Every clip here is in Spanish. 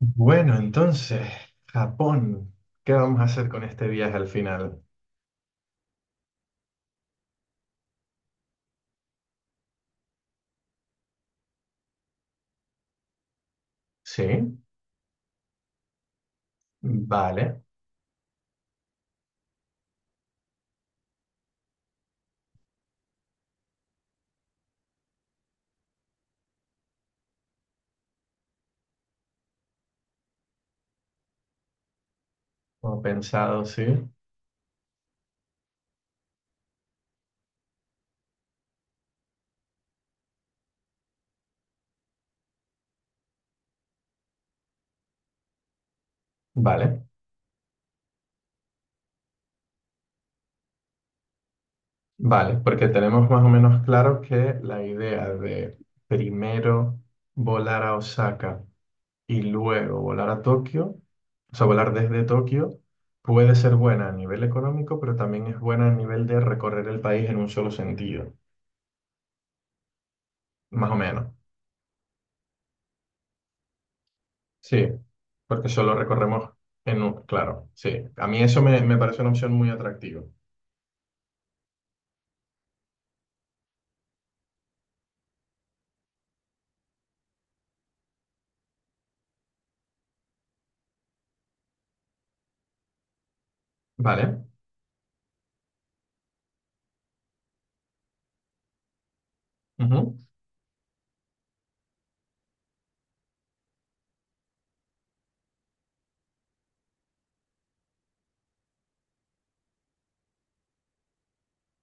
Bueno, entonces, Japón. ¿Qué vamos a hacer con este viaje al final? Sí, vale. Como pensado, sí. Vale, vale. Porque tenemos más o menos claro que la idea de primero volar a Osaka y luego volar a Tokio, o sea, volar desde Tokio, puede ser buena a nivel económico, pero también es buena a nivel de recorrer el país en un solo sentido, más o menos. Sí, porque solo recorremos en un... Claro, sí. A mí eso me parece una opción muy atractiva. Vale. Ujú.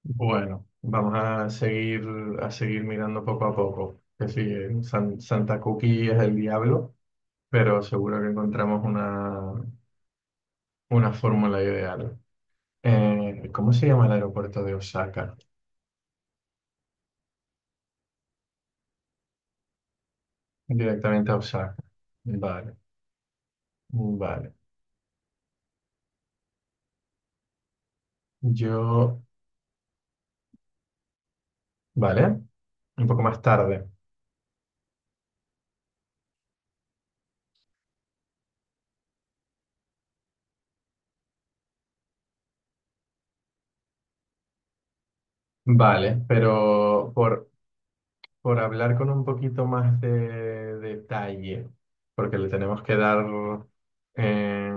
Bueno, vamos a seguir mirando poco a poco. Que sí, San- Santa Cookie es el diablo, pero seguro que encontramos una fórmula ideal. ¿Cómo se llama el aeropuerto de Osaka? Directamente a Osaka. Vale, vale. Yo, vale, un poco más tarde. Vale, pero por hablar con un poquito más de detalle, porque le tenemos que dar eh,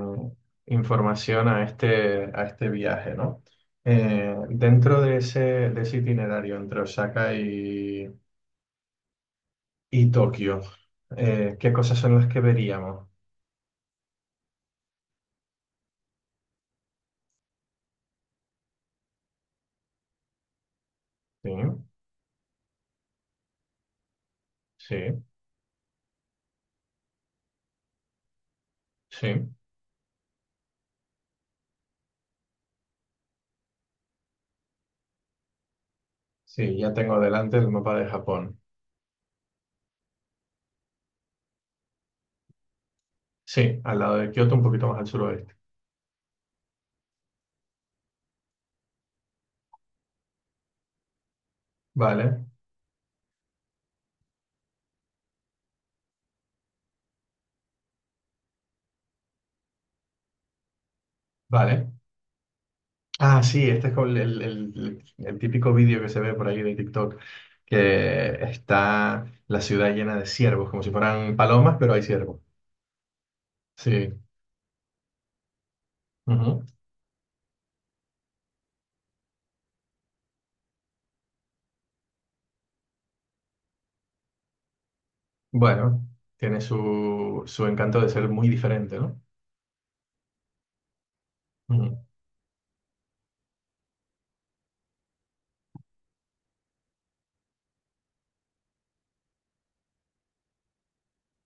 información a este viaje, ¿no? Dentro de ese itinerario entre Osaka y Tokio, ¿qué cosas son las que veríamos? Sí, sí, sí, sí, ya tengo delante el mapa de Japón. Sí, al lado de Kioto, un poquito más al suroeste. Vale, vale. Ah, sí, este es como el, el típico vídeo que se ve por ahí de TikTok, que está la ciudad llena de ciervos, como si fueran palomas, pero hay ciervos. Sí. Ujú. Bueno, tiene su, su encanto de ser muy diferente, ¿no? Ujú.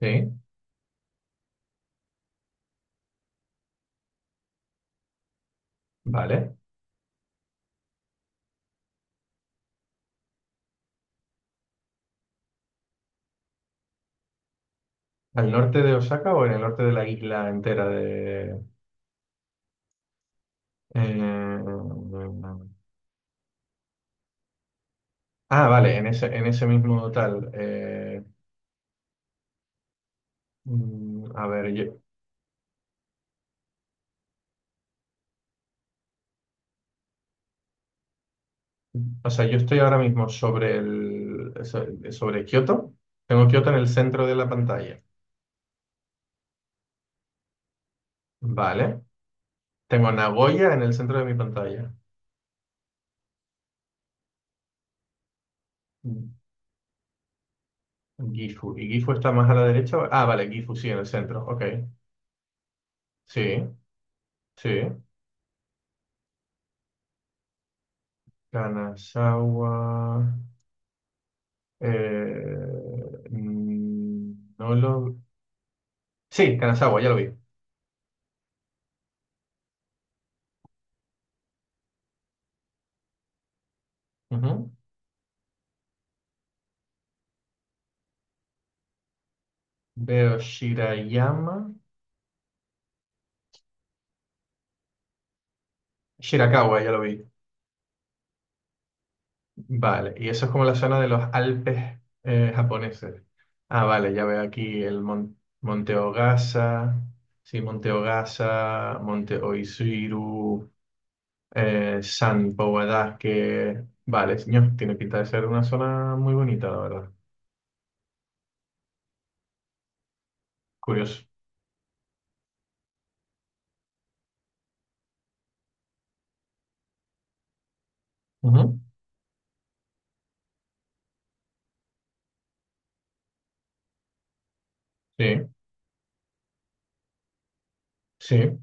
Sí, vale. ¿Al norte de Osaka o en el norte de la isla entera de... eh, ah, vale, en ese mismo tal. A ver, o sea, yo estoy ahora mismo sobre el, so- sobre Kioto. Tengo Kioto en el centro de la pantalla. Vale. Tengo Nagoya en el centro de mi pantalla. Gifu. ¿Y Gifu está más a la derecha? Ah, vale, Gifu sí, en el centro. Ok. Sí, sí. Kanazawa. eh, no lo... Sí, Kanazawa, ya lo vi. Ujú. Veo Shirayama. Shirakawa, ya lo vi. Vale, y eso es como la zona de los Alpes japoneses. Ah, vale, ya veo aquí el Mon- Monte Ogasa, sí, Monte Ogasa, Monte Oizuru, San Powadaque. Vale, señor, tiene pinta de ser una zona muy bonita, la verdad. Curioso. Ujú. Sí, sí.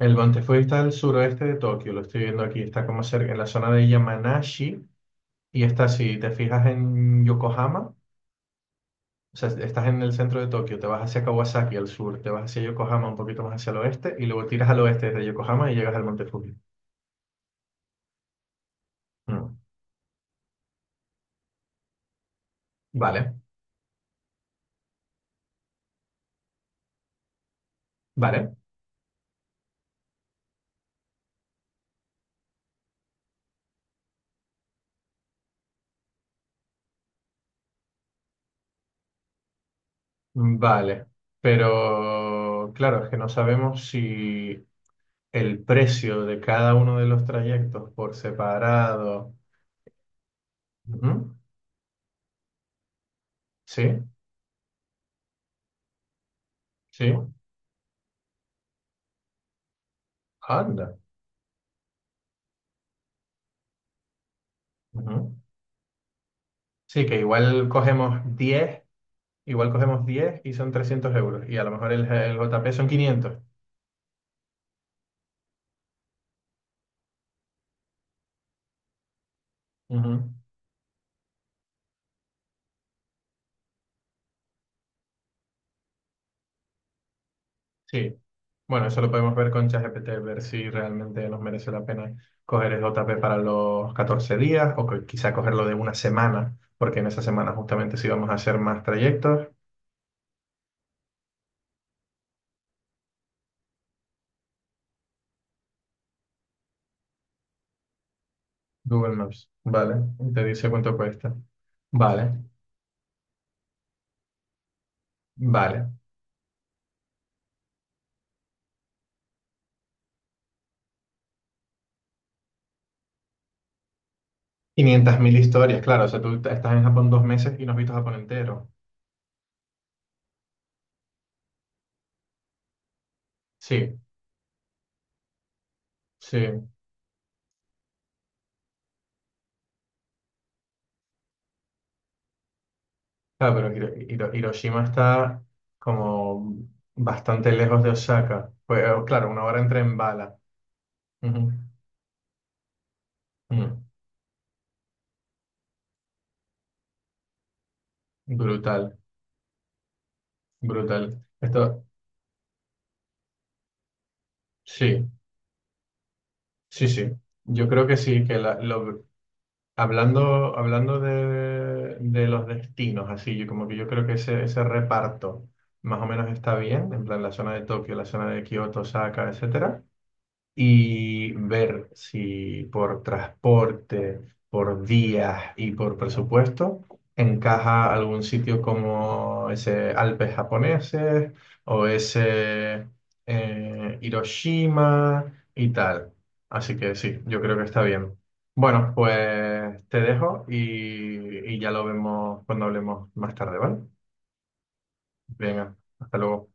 El Monte Fuji está al suroeste de Tokio, lo estoy viendo aquí, está como cerca, en la zona de Yamanashi, y está, si te fijas en Yokohama. O sea, estás en el centro de Tokio, te vas hacia Kawasaki al sur, te vas hacia Yokohama un poquito más hacia el oeste y luego tiras al oeste desde Yokohama y llegas al Monte Fuji. Mm, Vale, vale, vale. Pero claro, es que no sabemos si el precio de cada uno de los trayectos por separado. Ujú. Sí, sí, anda. Ujú. Sí, que igual cogemos 10 y son 300 euros y a lo mejor el JP son 500. Sí, bueno, eso lo podemos ver con ChatGPT, ver si realmente nos merece la pena coger el JP para los 14 días o que quizá cogerlo de una semana, porque en esa semana justamente sí vamos a hacer más trayectos. Google Maps, vale, te dice cuánto cuesta. Vale, vale. 500.000 historias, claro, o sea, tú estás en Japón 2 meses y no has visto Japón entero. Sí, sí, claro, pero Hiro- Hiro- Hiroshima está como bastante lejos de Osaka. Pues claro, una hora en tren bala. Ujú. Mm, Brutal, brutal. Esto, sí, sí, sí. Yo creo que sí, que la- lo- hablando, hablando de los destinos, así, yo como que yo creo que ese reparto más o menos está bien, en plan la zona de Tokio, la zona de Kioto, Osaka, etcétera. Y ver si por transporte, por días y por presupuesto encaja algún sitio como ese Alpes japoneses o ese Hiroshima y tal. Así que sí, yo creo que está bien. Bueno, pues te dejo y ya lo vemos cuando hablemos más tarde, ¿vale? Venga, hasta luego.